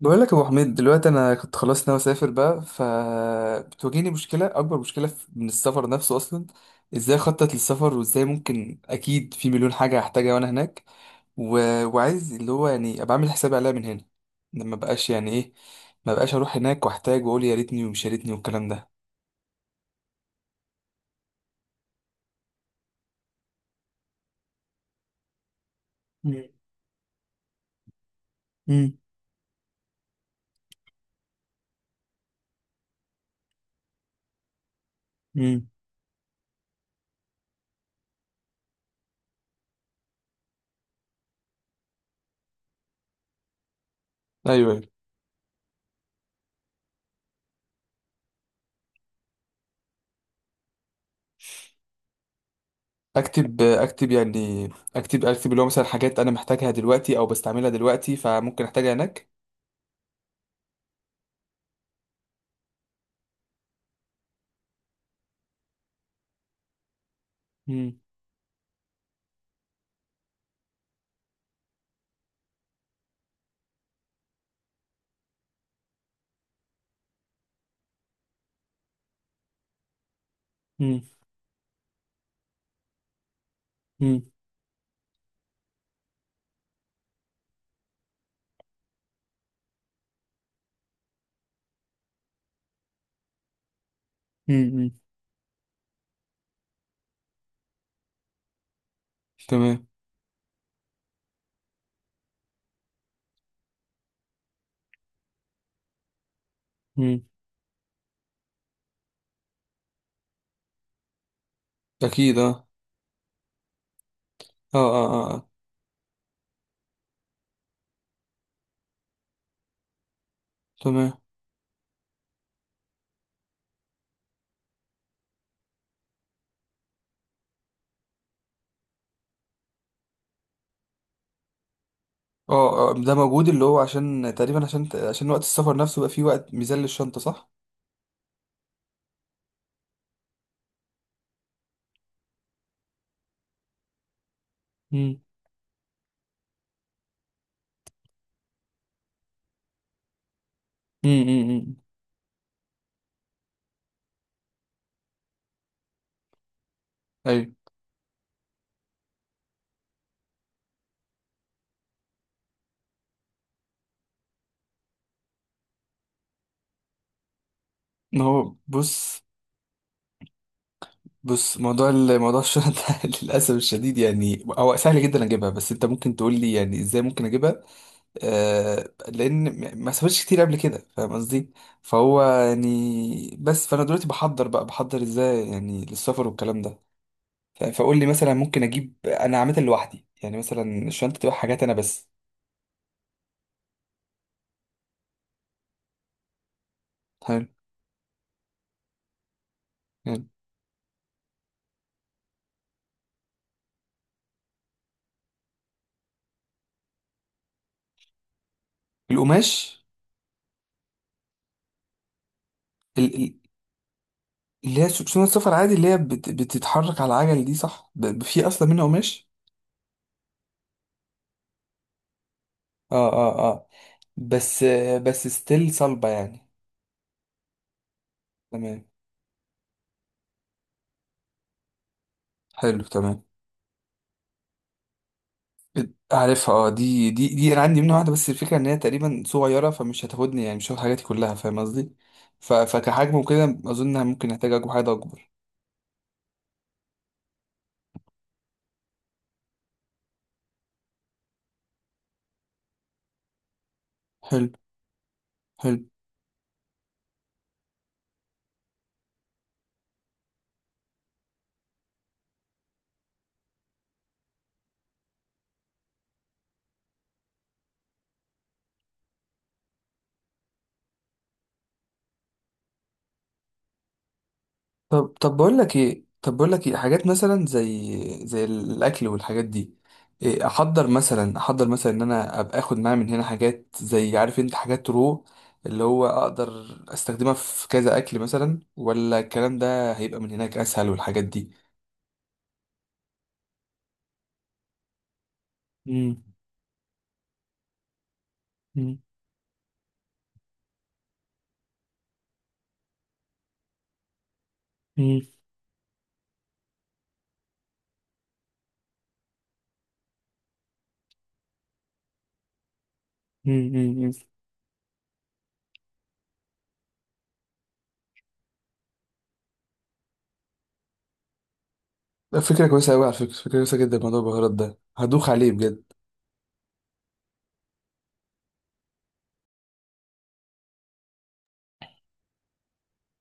بقول لك يا ابو حميد، دلوقتي انا كنت خلاص ناوي اسافر بقى، فبتواجهني مشكله، اكبر مشكله من السفر نفسه اصلا. ازاي اخطط للسفر، وازاي ممكن، اكيد في مليون حاجه هحتاجها وانا هناك. و... وعايز، اللي هو يعني، ابقى عامل حسابي عليها من هنا. ما بقاش، يعني ايه، ما بقاش اروح هناك واحتاج واقول يا ريتني ومش يا ريتني والكلام ده. مم. مم. مم. ايوه، أيوة. اكتب اكتب يعني. اكتب اكتب اللي هو مثلا حاجات انا محتاجها دلوقتي او بستعملها دلوقتي فممكن احتاجها هناك. مم. مم. مم. تمام. مم. اكيد، اه، اه، اه، اه، آه. تمام. اه، آه، ده موجود، اللي هو عشان تقريبا عشان وقت السفر نفسه بقى فيه وقت ميزان للشنطة، صح؟ امم. امم. ايوه. ما هو بص. بص موضوع موضوع الشنطة للأسف الشديد، يعني هو سهل جدا أجيبها، بس أنت ممكن تقول لي يعني إزاي ممكن أجيبها. لأن ما سافرتش كتير قبل كده، فاهم قصدي؟ فهو يعني بس، فأنا دلوقتي بحضر إزاي يعني للسفر والكلام ده. طيب فقول لي مثلا، ممكن اجيب انا عاملها لوحدي، يعني مثلا الشنطه تبقى حاجات انا بس. حلو. حلو. القماش. ال- ال- اللي هي سنة سفر عادي، اللي هي بتتحرك على العجل دي، صح؟ في اصلا منها قماش؟ اه، اه، اه. بس بس ستيل صلبة يعني. تمام. حلو، تمام. عارفها، اه، دي انا عندي منها واحدة، بس الفكرة ان هي تقريبا صغيرة فمش هتاخدني، يعني مش هاخد حاجاتي كلها، فاهم قصدي؟ فكحجم وكده اظن ممكن احتاج اجيب حاجة اكبر. حلو. حلو. طب بقول لك ايه، حاجات مثلا زي الاكل والحاجات دي؟ إيه احضر مثلا ان انا ابقى اخد معايا من هنا حاجات، زي، عارف انت، حاجات رو، اللي هو اقدر استخدمها في كذا اكل مثلا، ولا الكلام ده هيبقى من هناك اسهل والحاجات دي؟ مم. مم. مم. مم. مم. مم. فكرة كويسة أوي، على فكرة، فكرة كويسة جدا موضوع البهارات ده، هدوخ عليه بجد.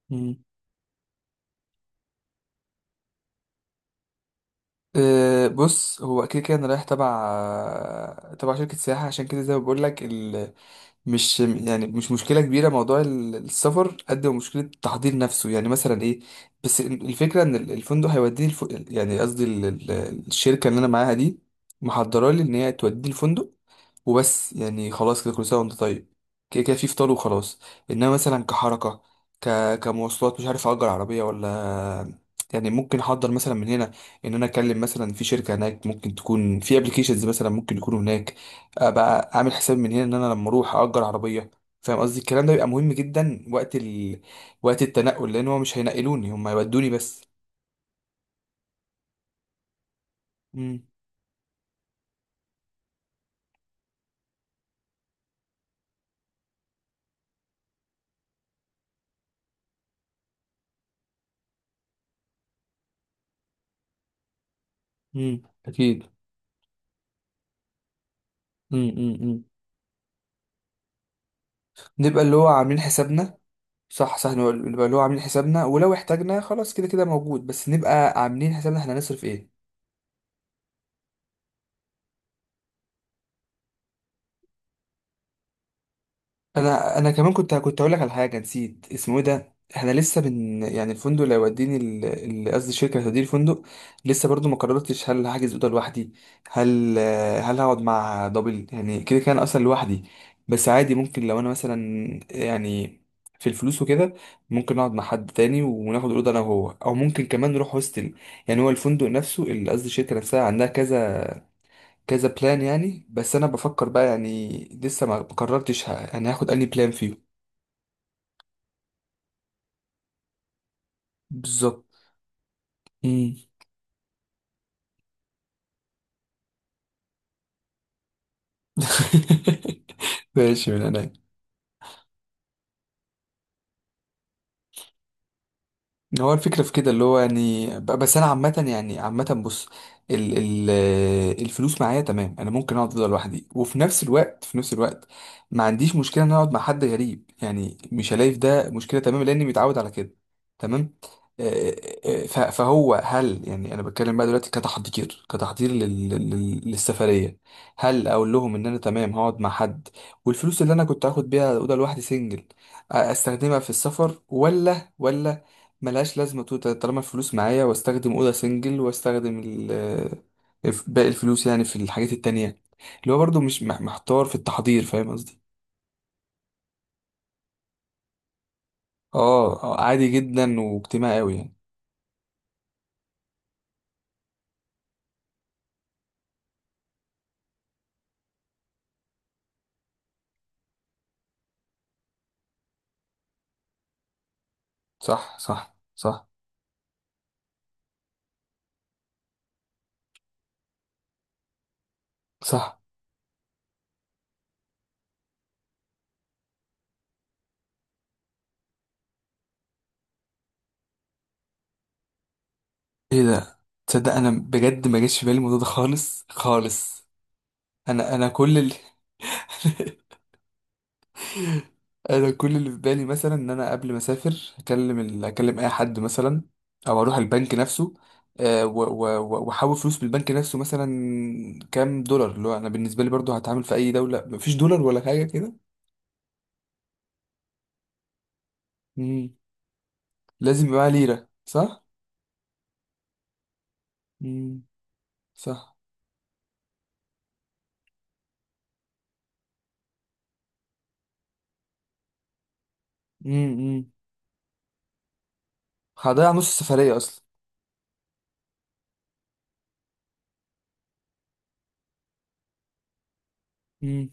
مم. أه، بص، هو كده كده أنا رايح تبع شركة سياحة، عشان كده زي ما بقول لك. مش مشكلة كبيرة موضوع السفر، قد ما مشكلة تحضير نفسه، يعني مثلا ايه. بس الفكرة ان الفندق هيوديني يعني قصدي، الشركة اللي انا معاها دي محضرة لي ان هي توديني الفندق وبس، يعني خلاص كده، كل سنة وانت طيب، كده كده في فطار وخلاص. انما مثلا كحركة، ك... كمواصلات، مش عارف اجر عربية ولا، يعني ممكن احضر مثلا من هنا ان انا اكلم مثلا في شركة هناك، ممكن تكون في ابلكيشنز مثلا ممكن يكونوا هناك، ابقى اعمل حساب من هنا ان انا لما اروح اجر عربية، فاهم قصدي؟ الكلام ده بيبقى مهم جدا وقت وقت التنقل، لان هو مش هينقلوني، هم هيودوني بس. امم. امم. اكيد. امم. امم. إمم. نبقى اللي هو عاملين حسابنا. صح، صح، نبقى اللي هو عاملين حسابنا، ولو احتاجنا خلاص كده كده موجود، بس نبقى عاملين حسابنا احنا هنصرف ايه. انا كمان كنت اقول لك على حاجه، نسيت اسمه ايه ده، احنا لسه بن، يعني الفندق اللي هيوديني قصدي الشركه اللي هتوديني الفندق، لسه برضو ما قررتش هل هحجز اوضه لوحدي، هل هل هقعد مع دبل، يعني كده كان اصلا لوحدي، بس عادي ممكن لو انا مثلا يعني، في الفلوس وكده، ممكن اقعد مع حد تاني وناخد الاوضه انا وهو، او ممكن كمان نروح هوستل. يعني هو الفندق نفسه، قصدي الشركه نفسها، عندها كذا كذا بلان يعني، بس انا بفكر بقى، يعني لسه ما قررتش يعني هاخد اني بلان فيهم. بالظبط. مم. ماشي، من عينيا. هو الفكرة في كده، اللي هو يعني بس أنا عامة، يعني عامة، بص، ال ال الفلوس معايا تمام، أنا ممكن أقعد أفضل لوحدي، وفي نفس الوقت في نفس الوقت ما عنديش مشكلة إن أنا أقعد مع حد غريب، يعني مش هلاقي في ده مشكلة، تمام، لأني متعود على كده. تمام. آه، فهو، هل يعني أنا بتكلم بقى دلوقتي كتحضير لل لل للسفرية، هل أقول لهم إن أنا تمام هقعد مع حد، والفلوس اللي أنا كنت هاخد بيها أوضة لوحدي سنجل أستخدمها في السفر، ولا ملهاش لازمة توتال طالما الفلوس معايا، واستخدم أوضة سنجل واستخدم باقي الفلوس يعني في الحاجات التانية، اللي هو برضو مش محتار في التحضير، فاهم قصدي؟ اه، عادي جدا واجتماعي أوي يعني. صح، صح، صح، صح. ايه ده، تصدق انا بجد ما جاش في بالي الموضوع ده خالص خالص. انا كل انا كل اللي في بالي مثلا ان انا قبل ما اسافر اكلم اكلم اي حد مثلا، او اروح البنك نفسه، واحول فلوس من البنك نفسه، مثلا كام دولار، اللي هو انا بالنسبه لي برضو هتعامل في اي دوله، مفيش دولار ولا حاجه كده. مم. لازم يبقى معايا ليره، صح. مم. صح. مم. مم. هضيع نص السفريه اصلا. مم.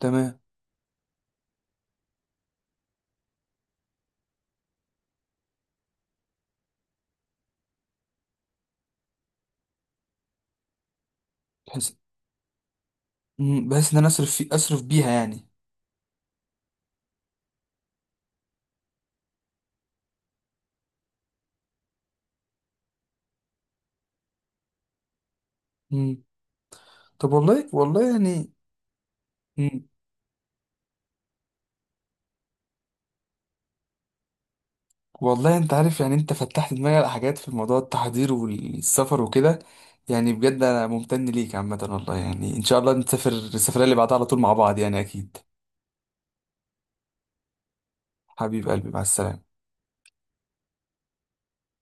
تمام. بحيث، بحيث ان انا اصرف بيها يعني. مم. طب، والله، والله يعني، والله انت عارف يعني، انت فتحت دماغي على حاجات في موضوع التحضير والسفر وكده، يعني بجد انا ممتن ليك عامة، والله، يعني ان شاء الله نسافر السفرية اللي بعدها على طول مع بعض يعني، اكيد. حبيب قلبي، مع السلامة.